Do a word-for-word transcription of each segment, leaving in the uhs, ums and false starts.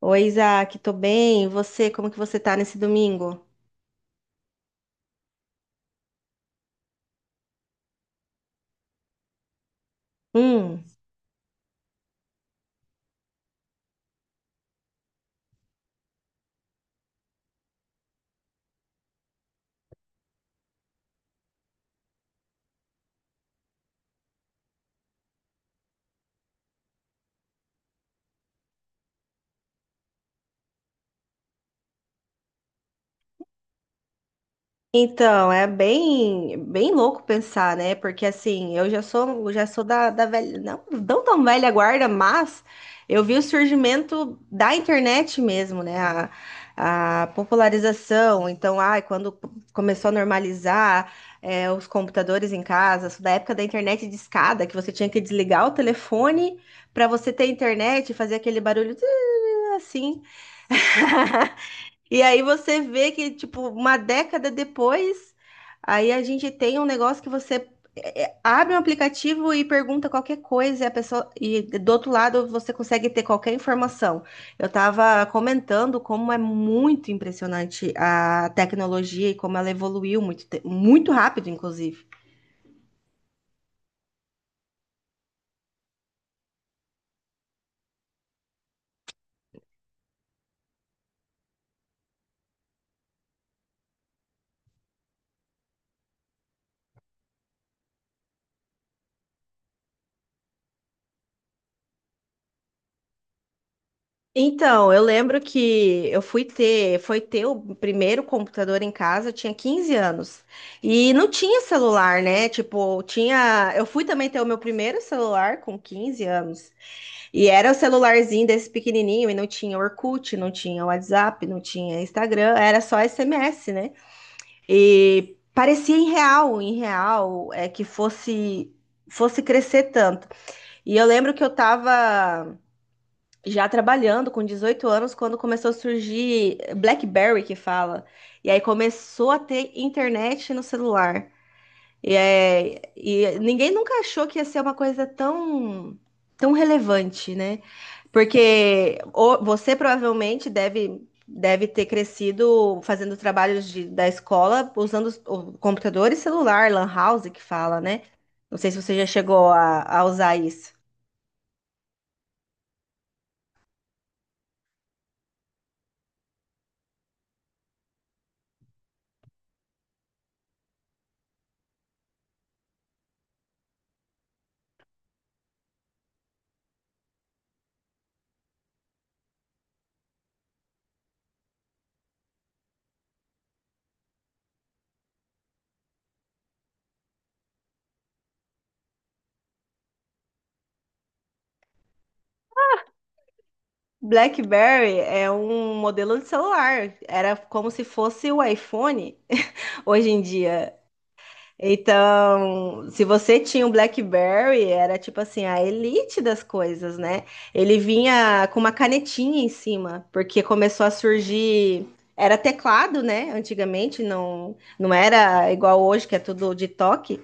Oi, Isaac, tô bem. E você, como que você tá nesse domingo? Hum. Então, é bem, bem louco pensar, né? Porque assim, eu já sou, já sou da, da velha, não, não tão velha guarda, mas eu vi o surgimento da internet mesmo, né? A, a popularização. Então, ai, quando começou a normalizar é, os computadores em casa, sou da época da internet de escada, que você tinha que desligar o telefone para você ter internet e fazer aquele barulho tê, assim. E aí você vê que, tipo, uma década depois, aí a gente tem um negócio que você é, é, abre um aplicativo e pergunta qualquer coisa e a pessoa e do outro lado você consegue ter qualquer informação. Eu estava comentando como é muito impressionante a tecnologia e como ela evoluiu muito, te- muito rápido, inclusive. Então, eu lembro que eu fui ter, foi ter o primeiro computador em casa, eu tinha quinze anos. E não tinha celular, né? Tipo, tinha, eu fui também ter o meu primeiro celular com quinze anos. E era o celularzinho desse pequenininho e não tinha Orkut, não tinha WhatsApp, não tinha Instagram, era só S M S, né? E parecia irreal, irreal é que fosse fosse crescer tanto. E eu lembro que eu tava já trabalhando com dezoito anos quando começou a surgir BlackBerry que fala. E aí começou a ter internet no celular. E, é- e ninguém nunca achou que ia ser uma coisa tão, tão relevante, né? Porque o- você provavelmente deve, deve ter crescido fazendo trabalhos de- da escola usando os- o computador e celular, lan house que fala, né? Não sei se você já chegou a a usar isso. BlackBerry é um modelo de celular. Era como se fosse o iPhone hoje em dia. Então, se você tinha um BlackBerry, era tipo assim, a elite das coisas, né? Ele vinha com uma canetinha em cima, porque começou a surgir. Era teclado, né? Antigamente, não, não era igual hoje, que é tudo de toque.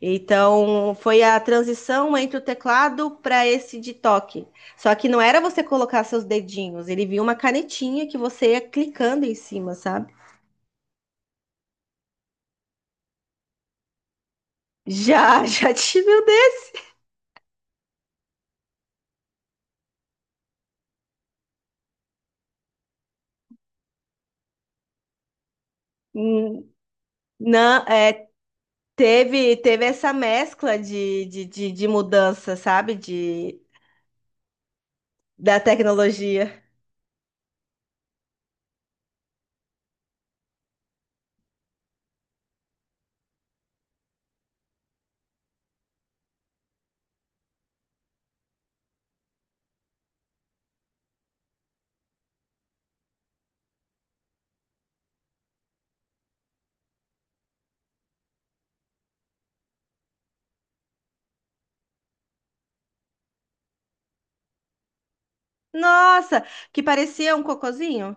Então, foi a transição entre o teclado para esse de toque. Só que não era você colocar seus dedinhos, ele vinha uma canetinha que você ia clicando em cima, sabe? Já, já tive o dedo. Não, é, Teve, teve essa mescla de, de, de, de mudança, sabe? De, da tecnologia. Nossa, que parecia um cocôzinho.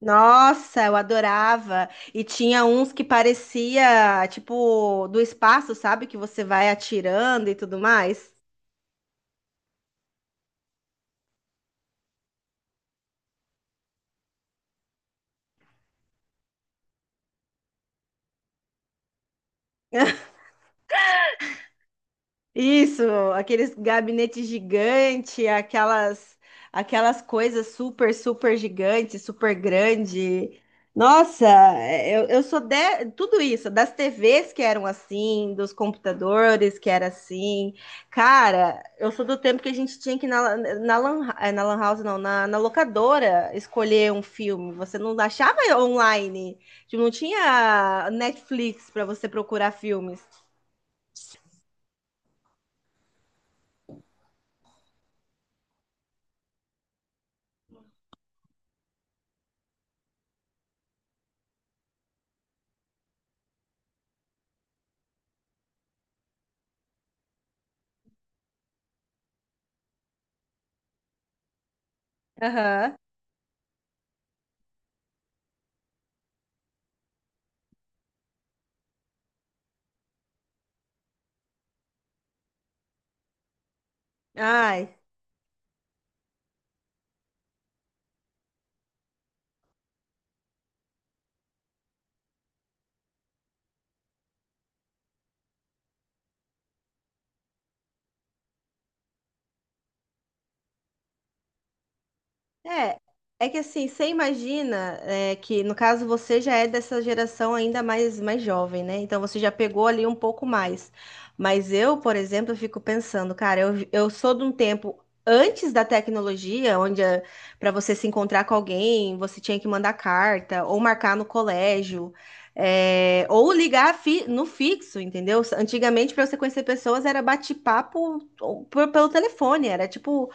Nossa, eu adorava. E tinha uns que parecia, tipo, do espaço, sabe? Que você vai atirando e tudo mais. Isso, aqueles gabinetes gigantes, aquelas aquelas coisas super, super gigantes, super grande. Nossa, eu, eu sou de tudo isso, das T Vs que eram assim, dos computadores que era assim. Cara, eu sou do tempo que a gente tinha que ir na, na, lan, eh, na lan house, não, na, na locadora escolher um filme. Você não achava online, tipo, não tinha Netflix para você procurar filmes. Aham. Ai. É, é que assim, você imagina é, que, no caso, você já é dessa geração ainda mais, mais jovem, né? Então você já pegou ali um pouco mais. Mas eu, por exemplo, eu fico pensando, cara, eu, eu sou de um tempo antes da tecnologia, onde para você se encontrar com alguém, você tinha que mandar carta ou marcar no colégio, é, ou ligar fi- no fixo, entendeu? Antigamente, para você conhecer pessoas, era bate-papo ou- por- pelo telefone, era tipo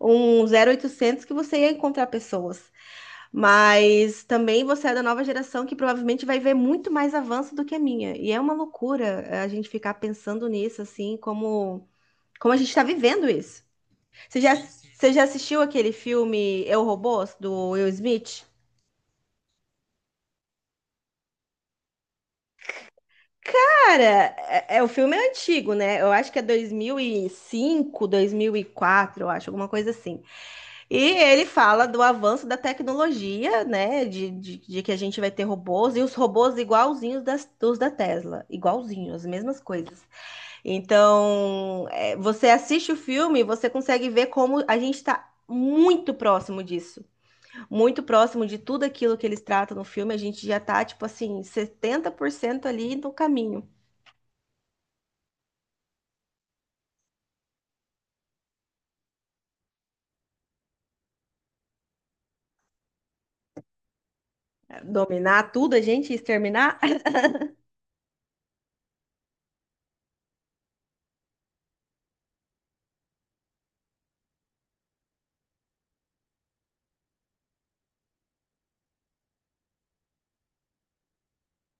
um zero oitocentos que você ia encontrar pessoas. Mas também você é da nova geração que provavelmente vai ver muito mais avanço do que a minha. E é uma loucura eh, a gente ficar pensando nisso, assim, como, como a gente está vivendo isso. Você já, você já assistiu aquele filme Eu, Robô do Will Smith? Cara, é, é- o filme é antigo, né? Eu acho que é dois mil e cinco, dois mil e quatro, eu acho, alguma coisa assim. E ele fala do avanço da tecnologia, né? De, de, de Que a gente vai ter robôs e os robôs igualzinhos das, dos da Tesla, igualzinhos, as mesmas coisas. Então, é, você assiste o filme e você consegue ver como a gente está muito próximo disso. Muito próximo de tudo aquilo que eles tratam no filme. A gente já tá, tipo assim, setenta por cento ali no caminho. É, dominar tudo, a gente exterminar.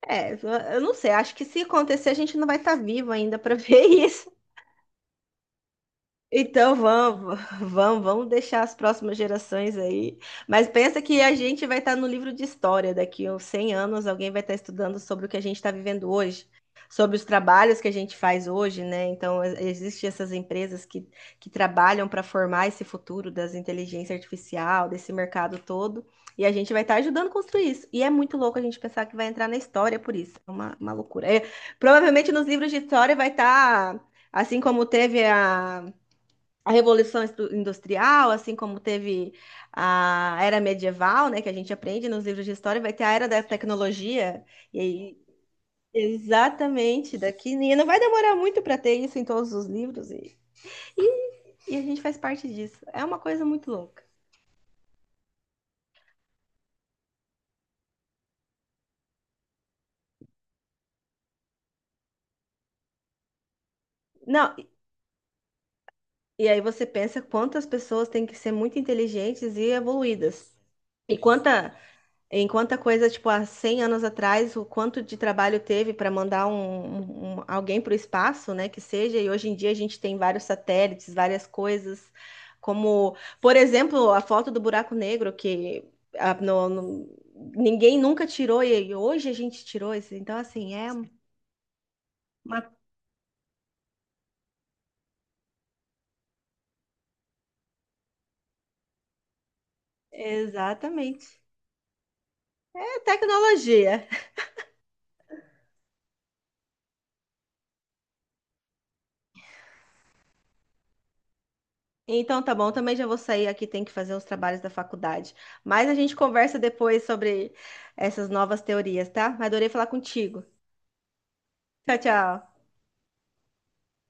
É, eu não sei. Acho que se acontecer, a gente não vai estar vivo ainda para ver isso. Então vamos, vamos, vamos deixar as próximas gerações aí. Mas pensa que a gente vai estar no livro de história daqui a uns cem anos, alguém vai estar estudando sobre o que a gente está vivendo hoje, sobre os trabalhos que a gente faz hoje, né? Então e- existem essas empresas que, que trabalham para formar esse futuro das inteligência artificial, desse mercado todo, e a gente vai estar ajudando a construir isso. E é muito louco a gente pensar que vai entrar na história por isso. É uma, uma loucura. É, provavelmente nos livros de história vai estar. Assim como teve a, a Revolução Estu- Industrial, assim como teve a Era Medieval, né, que a gente aprende nos livros de história, vai ter a Era da Tecnologia. E aí, exatamente, daqui e não vai demorar muito para ter isso em todos os livros e, e, e a gente faz parte disso. É uma coisa muito louca. Não, e aí você pensa quantas pessoas têm que ser muito inteligentes e evoluídas. E quanta Enquanto a coisa, tipo, há cem anos atrás, o quanto de trabalho teve para mandar um, um- um- alguém para o espaço, né, que seja, e hoje em dia a gente tem vários satélites, várias coisas, como, por exemplo, a foto do buraco negro, que ah, no- no- ninguém nunca tirou, e hoje a gente tirou isso. Então, assim, é uma... Exatamente. É tecnologia. Então tá bom, também já vou sair aqui, tem que fazer os trabalhos da faculdade. Mas a gente conversa depois sobre essas novas teorias, tá? Adorei falar contigo. Tchau, tchau.